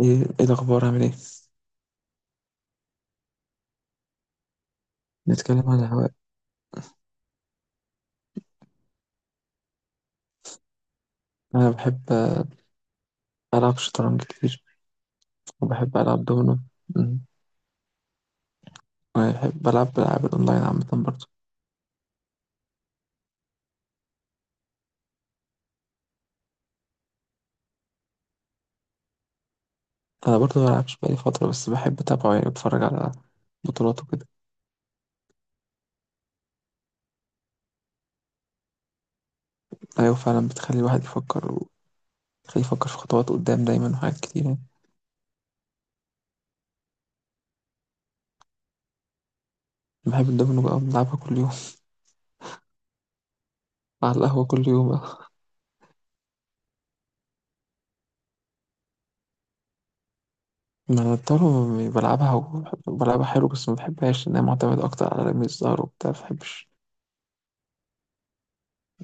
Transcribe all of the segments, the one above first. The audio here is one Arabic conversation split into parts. ايه. إيه الاخبار، عامل ايه؟ نتكلم عن الهواء. انا بحب العب شطرنج كتير، وبحب العب دومينو. أمم. وانا بحب العب العاب الاونلاين عامه برضه. انا برضه ما بلعبش بقالي فتره، بس بحب اتابعه، يعني بتفرج على بطولاته كده. ايوه فعلا، بتخلي الواحد يفكر، وتخليه يفكر في خطوات قدام دايما وحاجات كتير يعني. بحب الدومينو بقى، بلعبها كل يوم. على القهوه كل يوم بقى. ما انا الطاوله بلعبها، بلعبها حلو، بس ما بحبهاش لانها معتمده اكتر على رمي الزهر وبتاع، ما بحبش.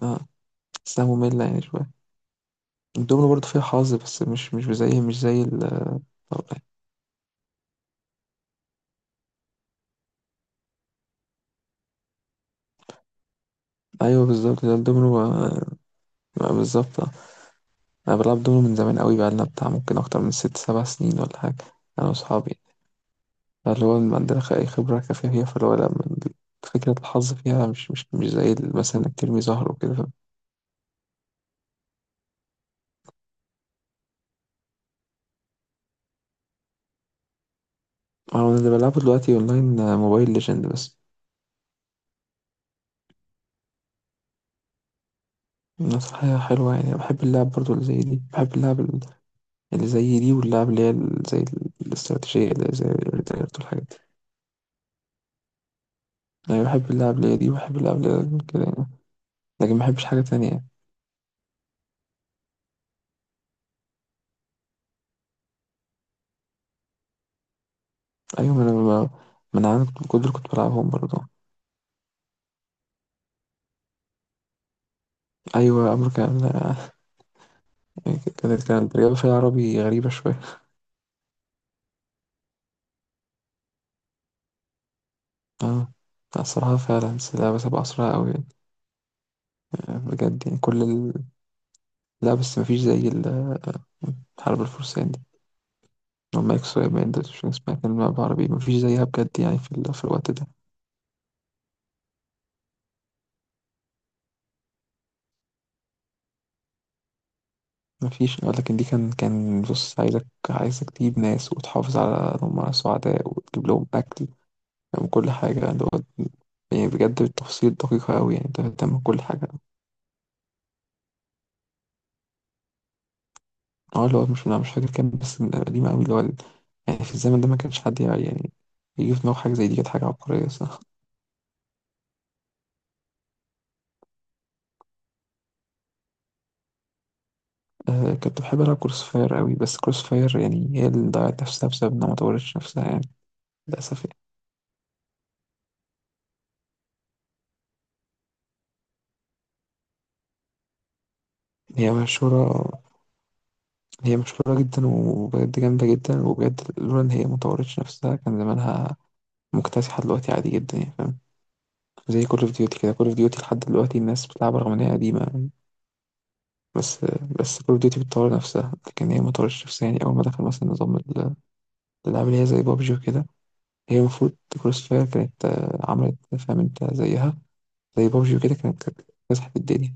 آه، بحسها ممله يعني شويه. الدومينو برضه فيها حظ، بس مش زي ال- طبعاً. ايوه بالظبط ده الدومينو، آه. آه، بالظبط، آه. انا بلعب دومينو من زمان قوي بقى، لنا بتاع ممكن اكتر من 6 7 سنين ولا حاجه، انا واصحابي. اللي هو ما عندنا اي خبره كافيه فيها، فاللي هو لا من- فكره الحظ فيها مش زي ال-، مثلا انك ترمي زهر وكده، فاهم؟ انا اللي بلعبه دلوقتي اونلاين موبايل ليجند بس. نصيحة حلوة يعني. أنا بحب اللعب برضو اللي زي دي، بحب اللعب ال- اللي زي دي، واللعب اللي هي ال- زي ال- الاستراتيجية اللي زي الريتيرت والحاجات. أنا بحب اللعب اللي هي دي، بحب اللعب اللي هي كده يعني. لكن ما بحبش حاجة تانية يعني. أيوة ما أنا عندي كنت دول كنت بلعبهم برضه. أيوة أمريكا، لا. يعني كانت الرياضة فيها عربي غريبة شوية. اه. لا، الصراحة فعلا، بس اللعبة سابقة أسرع أوي يعني. بجد يعني، كل ال... لا بس مفيش زي ال- الحرب الفرسان دي، لما يكسروا يبقى ده، مش اسمها كلمة بعربي، مفيش زيها بجد يعني، في, ال... في الوقت ده. مفيش. لكن دي كان بص، عايزك تجيب ناس وتحافظ على إن هم سعداء وتجيب لهم أكل، فاهم، كل حاجة اللي هو، يعني بجد بالتفاصيل دقيقة أوي يعني، أنت بتهتم بكل حاجة. اه اللي هو، مش أنا مش فاكر كام، بس قديمة أوي اللي هو ال-. يعني في الزمن ده ما كانش حد يعني يجي في دماغه حاجة زي دي، كانت حاجة عبقرية، صح. آه، كنت بحب ألعب كروس فاير أوي، بس كروس فاير يعني هي اللي ضيعت نفسها بسبب إنها ما طورتش نفسها يعني، للأسف يعني. هي مشهورة، هي مشهورة جدا، وبجد جامدة جدا، وبجد لولا إن هي ما طورتش نفسها كان زمانها مكتسحة دلوقتي عادي جدا يعني، فاهم. زي كول اوف ديوتي كده، كول اوف ديوتي لحد دلوقتي الناس بتلعبها رغم ان هي قديمة. بس بس كول اوف ديوتي بتطور نفسها، لكن هي ما طورتش نفسها يعني. اول ما دخل مثلا نظام ال- الالعاب اللي هي زي بابجي وكده، هي المفروض كروس فاير كانت عملت، فاهم انت، زيها زي بابجي وكده، كانت مسحت الدنيا.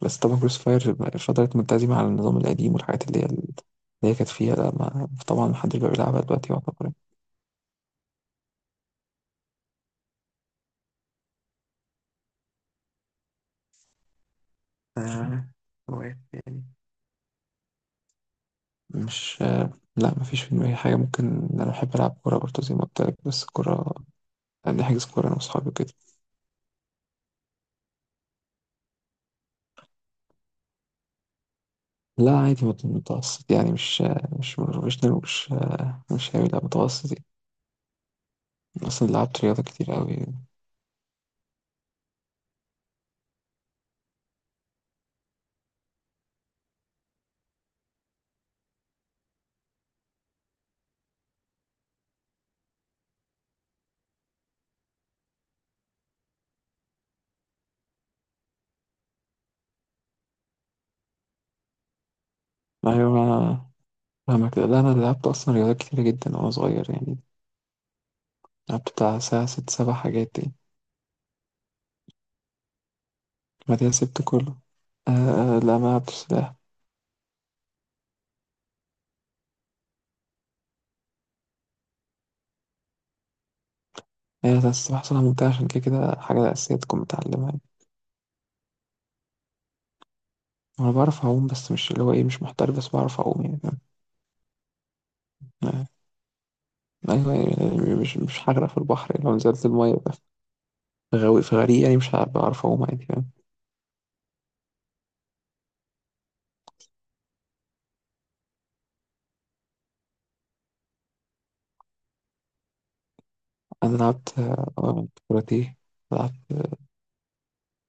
بس طبعا كروس فاير فضلت ملتزمة على النظام القديم والحاجات اللي هي اللي هي كانت فيها، لا ما طبعا محدش بقى بيلعبها دلوقتي يعتبر. آه، هوايات يعني، مش لا مفيش في دماغي حاجة. ممكن أنا بحب ألعب كورة برضه زي ما قلت لك، بس الكورة بنحجز كورة أنا وأصحابي وكده. لا عادي، متوسط يعني، مش بروفيشنال، مش هاوي، لا متوسط يعني. أصلا لعبت رياضة كتير أوي يعني. أيوة ما أنا، فاهمك. لا أنا لعبت أصلا رياضات كتير جدا وأنا صغير يعني، لعبت بتاع ساعة ست سبع حاجات يعني، بعدها سبت كله. آه. لا ما لعبتش سباحة. هي بس السباحة صراحة ممتعة، عشان كده كده حاجة أساسية تكون متعلمها يعني. أنا بعرف أعوم، بس مش اللي هو إيه، مش محترف، بس بعرف أعوم يعني، فاهم؟ آه. أيوة يعني، مش هغرق في البحر يعني، لو نزلت المية بقى. في غوي، في غريق، يعني مش هبقى أعرف أعوم عادي، فاهم. أنا لعبت كاراتيه، لعبت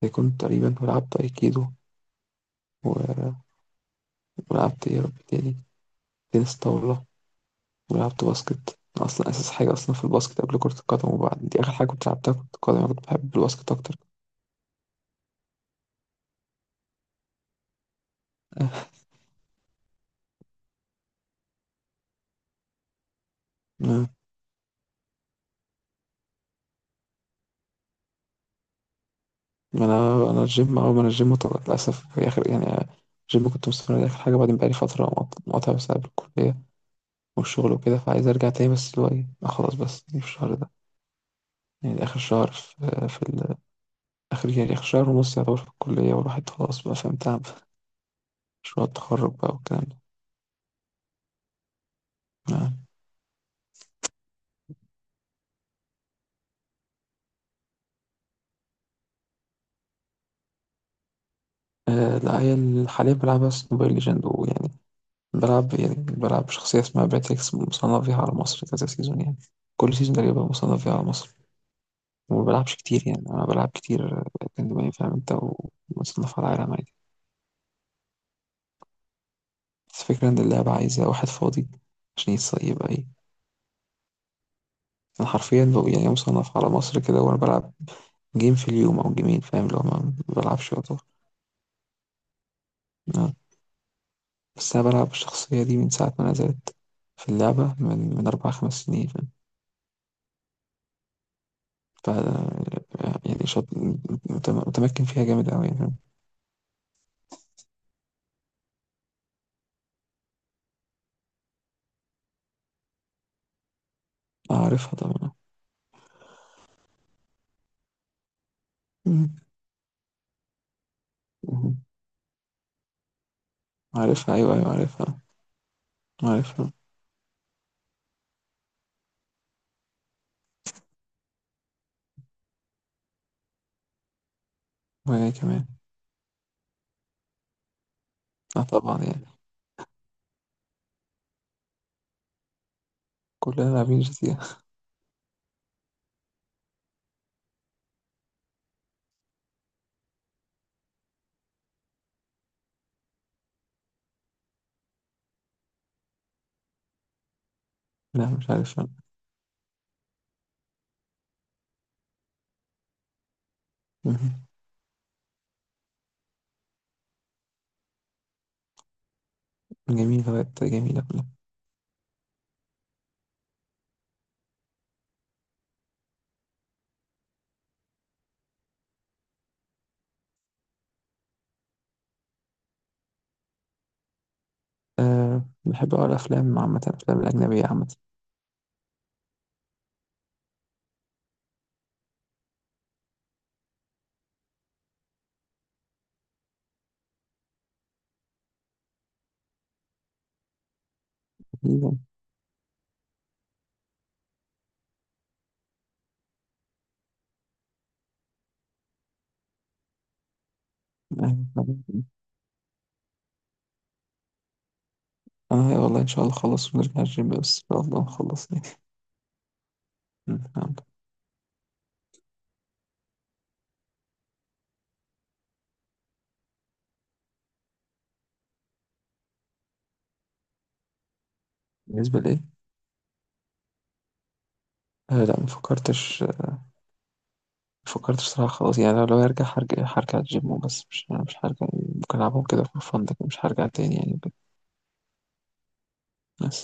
تايكوندو تقريبا، ولعبت أيكيدو، و- ولعبت إيه يا رب تاني، تنس طاولة، ولعبت باسكت. أنا أصلا أساس حاجة أصلا في الباسكت قبل كرة القدم، وبعد دي آخر حاجة كنت لعبتها كرة القدم. أنا كنت بحب الباسكت أكتر. آه، أنا الجيم، أول ما أنا الجيم طلعت للأسف في آخر يعني، الجيم كنت مستمر عليه آخر حاجة، بعدين بقالي فترة مقاطع بسبب الكلية والشغل وكده، فعايز أرجع تاني، بس اللي هو إيه، خلاص، بس دي في الشهر ده يعني. ده آخر شهر في, في آخر يعني، آخر شهر ونص يعتبر في الكلية، والواحد خلاص بقى، فاهم، تعب، مشروع التخرج بقى والكلام ده. نعم. لا، هي ال- حاليا بلعب بس موبايل ليجند، ويعني بلعب، يعني بلعب بشخصية اسمها باتريكس، مصنف فيها على مصر كذا سيزون يعني، كل سيزون تقريبا مصنف فيها على مصر. وما بلعبش كتير يعني، أنا بلعب كتير كان دماغي، فاهم أنت، ومصنف على العالم عادي. بس الفكرة إن اللعبة عايزة واحد فاضي، عشان يبقى إيه. أنا حرفيا بقى يعني مصنف على مصر كده، وأنا بلعب جيم في اليوم أو جيمين، فاهم. لو ما بلعبش يعتبر. نعم. بس أنا بلعب الشخصية دي من ساعة ما نزلت في اللعبة، من 4 5 سنين، فاهم. ف يعني شاط، متمكن فيها جامد أوي يعني، فاهم. عارفها طبعا. مم. مم. عارفها، أيوه أيوه عارفها. عارفها. وهي كمان. اه طبعا يعني. كلنا لاعبين GT. لا مش عارف أنا. مم. جميلة، بقت جميلة كلها. أه، بحب أقرأ أفلام، عامة الأفلام الأجنبية عامة. جميلة. أيوة. أنا والله إن شاء الله خلص ونرجع الجيم، بس إن شاء الله نخلص يعني. مم. بالنسبة لإيه؟ لا ما فكرتش، ما فكرتش صراحة، خلاص يعني. لو هرجع، هرجع الجيم وبس، مش هرجع. ممكن ألعبهم كده في فن، لكن مش هرجع تاني يعني. بس